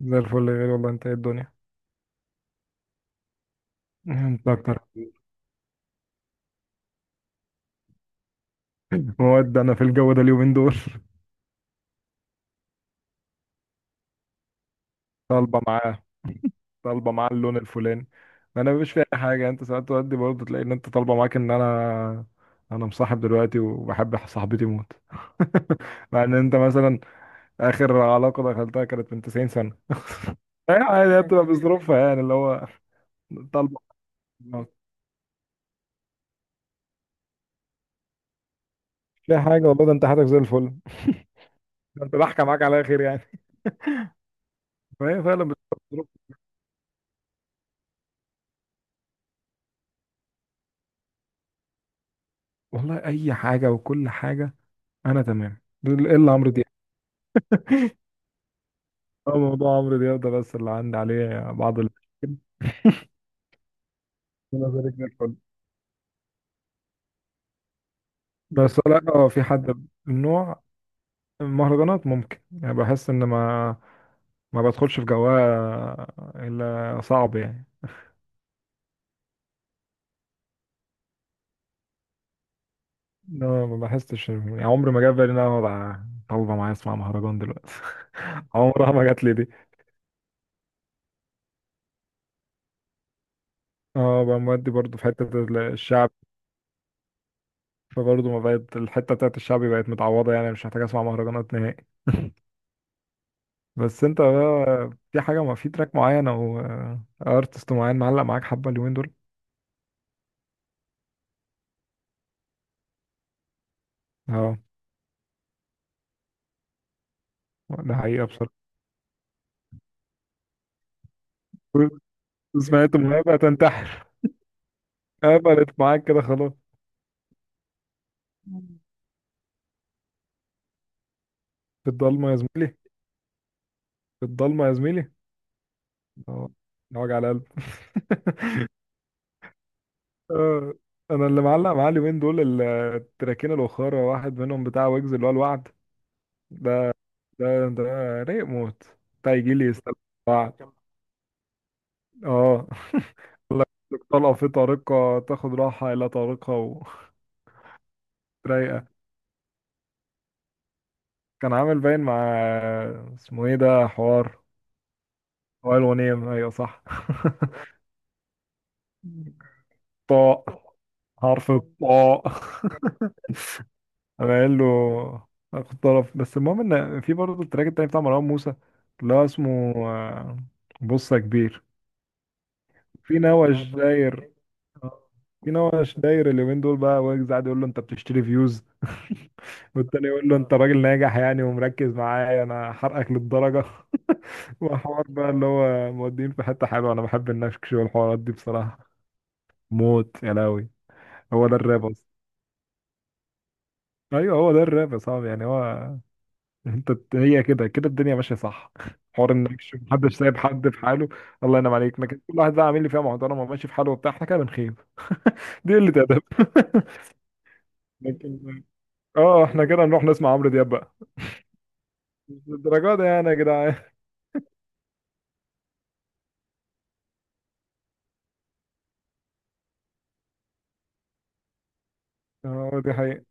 زي الفل يا غالي، والله. انت ايه الدنيا؟ انت اكتر مواد. انا في الجو ده اليومين دول. طالبه معاه، طالبه معاه اللون الفلاني. انا مش فاهم اي حاجه، انت ساعات تودي برضه تلاقي ان انت طالبه معاك ان انا مصاحب دلوقتي وبحب صاحبتي موت. مع ان انت مثلا اخر علاقه دخلتها كانت من 90 سنه. اي عادي، هي بتبقى بظروفها يعني اللي هو طالبه. في حاجه والله، ده انت حياتك زي الفل، ده انت ضحكه معاك على خير يعني. فهي فعلا بتبقى بظروف. والله اي حاجه وكل حاجه. انا تمام دول الا عمرو دياب. اه، موضوع عمرو دياب ده بس اللي عندي عليه بعض المشاكل. أنا ذلك زي الفل. بس لا، اه في حد من نوع المهرجانات ممكن، يعني بحس ان ما بدخلش في جواها، الا صعب يعني. لا ما بحسش يعني، عمري ما جاب بالي ان انا اقعد طالبه معايا اسمع مهرجان دلوقتي. عمرها ما جات لي دي. اه بقى مودي برضه في حته الشعب، فبرضه ما بقت الحته بتاعت الشعبي، بقت متعوضه يعني مش محتاج اسمع مهرجانات نهائي. بس انت بقى، في حاجة؟ ما في تراك معين او ارتست معين معلق معاك حبة اليومين دول؟ اه ده حقيقة بصراحة. سمعت المهابة تنتحر، قبلت معاك كده خلاص. في الضلمة يا زميلي، في الضلمة يا زميلي. اه ده وجع القلب. اه، انا اللي معلق معايا اليومين دول التراكين الاخرى. واحد منهم بتاع ويجز اللي هو الوعد. ده ده رايق موت، بتاع يجي لي يستلم. الوعد اه. طلقة في طريقة، تاخد راحة إلى طريقة و... رايقة. كان عامل باين مع، اسمه ايه ده، حوار وائل غنيم، ايوه صح. طاء، حرف الطاء. انا قايل له اخد طرف. بس المهم ان في برضه التراك التاني بتاع مروان موسى اللي هو اسمه بص يا كبير. في نوش داير، في نوش داير اليومين دول بقى، ويجز قاعد يقول له انت بتشتري فيوز. والتاني يقول له انت راجل ناجح يعني، ومركز معايا انا حرقك للدرجة. وحوار بقى اللي هو مودين في حتة حلوة، أنا بحب النكش والحوارات دي بصراحة، موت يا لهوي. هو ده الراب أصلا، أيوه هو ده الراب يا صاحبي يعني. هو أنت، هي كده كده الدنيا ماشية صح. حوار النكش، محدش سايب حد في حاله. الله ينعم عليك، لكن كل واحد بقى عامل لي فيها محترمة وماشي في حاله وبتاع، إحنا كده بنخيب. دي قلة أدب. لكن أه، إحنا كده نروح نسمع عمرو دياب بقى. مش للدرجة دي يعني يا جدعان. أه دي حقيقة.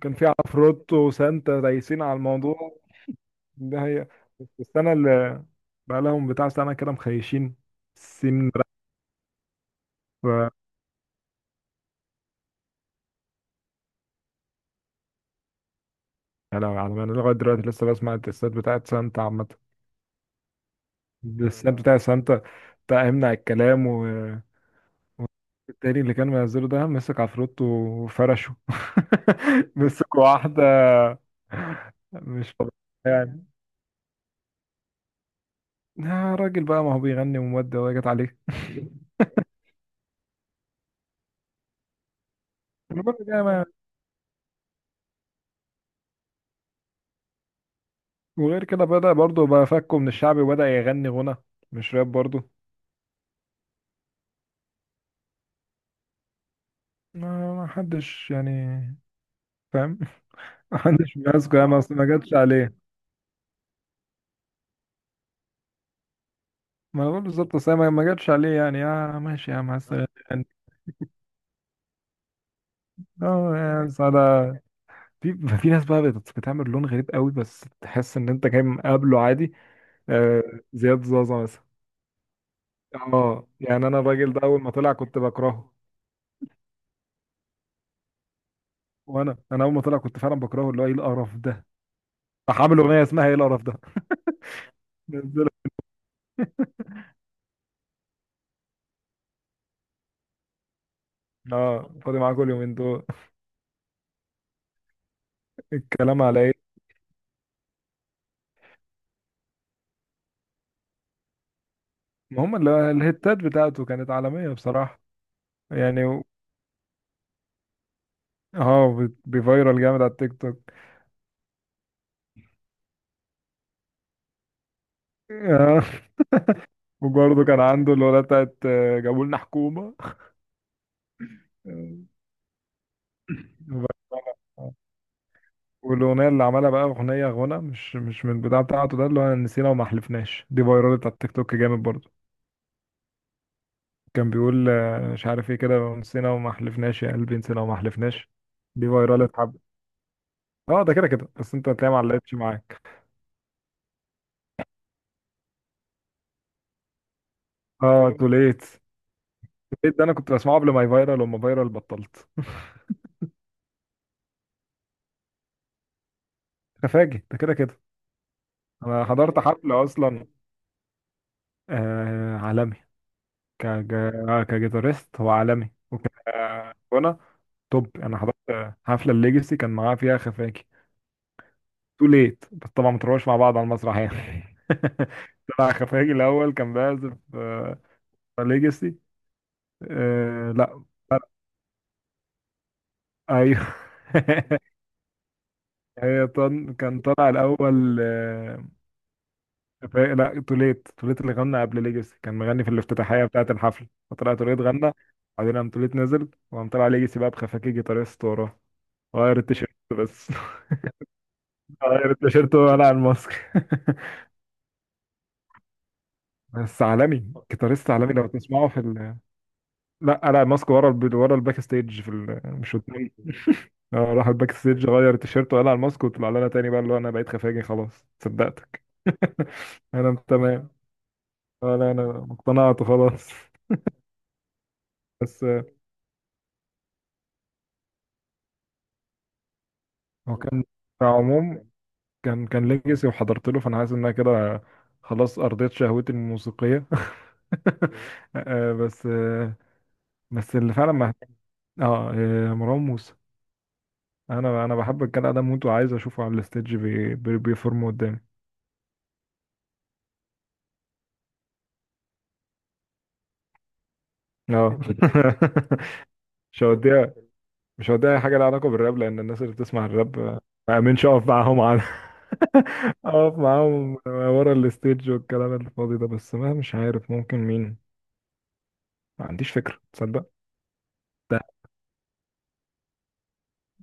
كان في عفروتو وسانتا دايسين على الموضوع ده، هي بس. السنة اللي بقى لهم بتاع سنة كده مخيشين، سين رف. يا لهوي، على ما انا لغاية دلوقتي لسه بسمع الدسات بتاعت سانتا عامة. الدسات بتاع سانتا، بتاع امنع الكلام، والتاني اللي كان منزله ده مسك عفروت وفرشه. مسك واحدة مش طبيعي يعني. يا راجل بقى، ما هو بيغني ومودة وهي جت عليه. المهم ده ما، وغير كده بدأ برضه بقى فكه من الشعبي، وبدأ يغني غنى مش راب برضه. ما حدش يعني فاهم. محدش ماسكه يا ما، اصل ما جاتش عليه. ما انا بقول بالظبط، اصل هي ما جاتش عليه يعني، يا ماشي يا مع السلامه يعني. اه يا سعادة. في في ناس بقى بتعمل لون غريب قوي، بس تحس ان انت جاي مقابله عادي. آه زياد زازا مثلا، اه يعني انا الراجل ده اول ما طلع كنت بكرهه. وانا اول ما طلع كنت فعلا بكرهه، اللي هو ايه القرف ده. راح عامل اغنيه اسمها ايه القرف ده، نزلها. اه فاضي معاك اليومين دول، كلام على ايه؟ ما هم الهتات بتاعته كانت عالميه بصراحه، يعني اه بيفيرال جامد على التيك توك. آه، وبرضه كان عنده الأغنية بتاعت جابوا لنا حكومة. آه. والأغنية اللي عملها بقى، أغنية غنى مش من البتاع بتاعته ده، اللي هو نسينا وما حلفناش، دي فيرالت على التيك توك جامد برضه. كان بيقول مش عارف ايه كده، نسينا وما حلفناش يا قلبي، نسينا وما حلفناش. دي فيرالت حب، اه ده كده كده. بس انت هتلاقيها ما علقتش معاك. اه توليت، توليت ده انا كنت بسمعه قبل ما يفيرال، وما فيرال بطلت. تفاجئ ده كده كده. انا حضرت حفلة اصلا، آه عالمي. ك ج- كجيتارست هو عالمي، وك غنى توب. انا حضرت حفله الليجاسي، كان معاه فيها خفاجي تو ليت. بس طبعا ما تروحوش مع بعض على المسرح يعني. طلع خفاجي الاول كان بيعزف، ليجاسي آه لا ايوه. هي طن، كان طلع الاول لا توليت، توليت اللي غنى قبل ليجاسي، كان مغني في الافتتاحيه بتاعه الحفله. فطلع توليت غنى، بعدين قام توليت نزل، وقام طلع ليجاسي بقى بخفاجي جيتاريست وراه، غير التيشيرت بس. غير التيشيرت وقلع الماسك. بس عالمي، كيتاريست عالمي لو تسمعه في ال... لا قلع الماسك ورا الب... ورا الباك ستيج في ال... مش قدام. راح الباك ستيج، غير التيشيرت وقلع الماسك، وطلع لنا تاني بقى، اللي هو انا بقيت خفاجي خلاص، صدقتك. انا تمام، لا انا اقتنعت خلاص. بس هو كان كعموم، كان ليجاسي، وحضرت له، فانا حاسس ان انا كده خلاص ارضيت شهوتي الموسيقيه. آه، بس آه، بس اللي فعلا ما، اه إيه، مروان موسى. انا بحب الجدع ده موت، وعايز اشوفه على الستيج بي... بي... بيفرم قدامي. اه. مش هوديها، مش هوديها اي حاجه لها علاقه بالراب، لان الناس اللي بتسمع الراب ما امنش اقف معاهم على. اقف معاهم ورا الستيج والكلام الفاضي ده، بس ما مش عارف ممكن مين. ما عنديش فكره تصدق. ده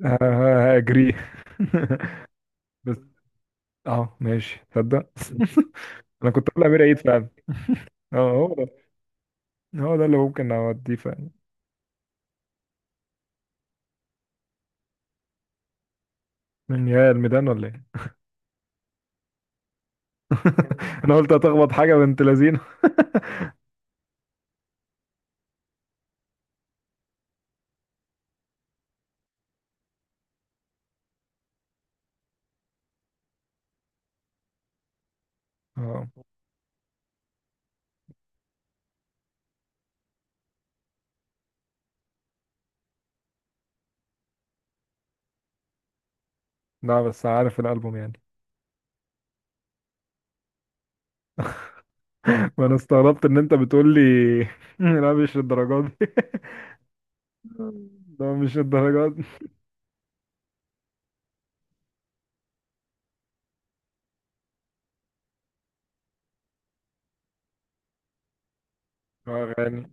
هاجريه. بس اه ماشي تصدق. انا كنت اقول امير عيد فعلا. اه، هو ده اللي ممكن اوديه فعلا. من يا الميدان ولا إيه؟ انا قلت هتخبط حاجه بنت لذينه. اه لا، بس عارف الالبوم يعني. ما انا استغربت ان انت بتقول لي. لا مش الدرجات دي. ده مش الدرجات دي. غني.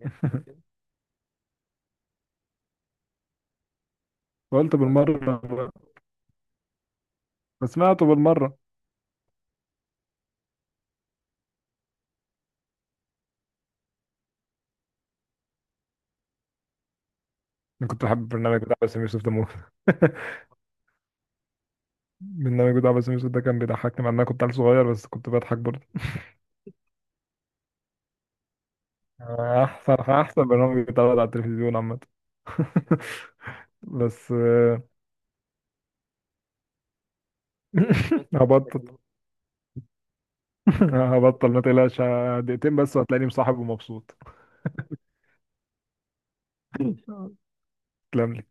قلت بالمره، ما سمعته بالمره. انا كنت بحب البرنامج بتاع باسم يوسف ده موت. البرنامج بتاع باسم يوسف ده كان بيضحكني، مع ان انا كنت عيل صغير، بس كنت بضحك برضه. احسن احسن برنامج بيتعرض على التلفزيون عامه. بس آه، هبطل. هبطل ما تقلقش، دقيقتين بس وهتلاقيني مصاحب ومبسوط. تسلم لي.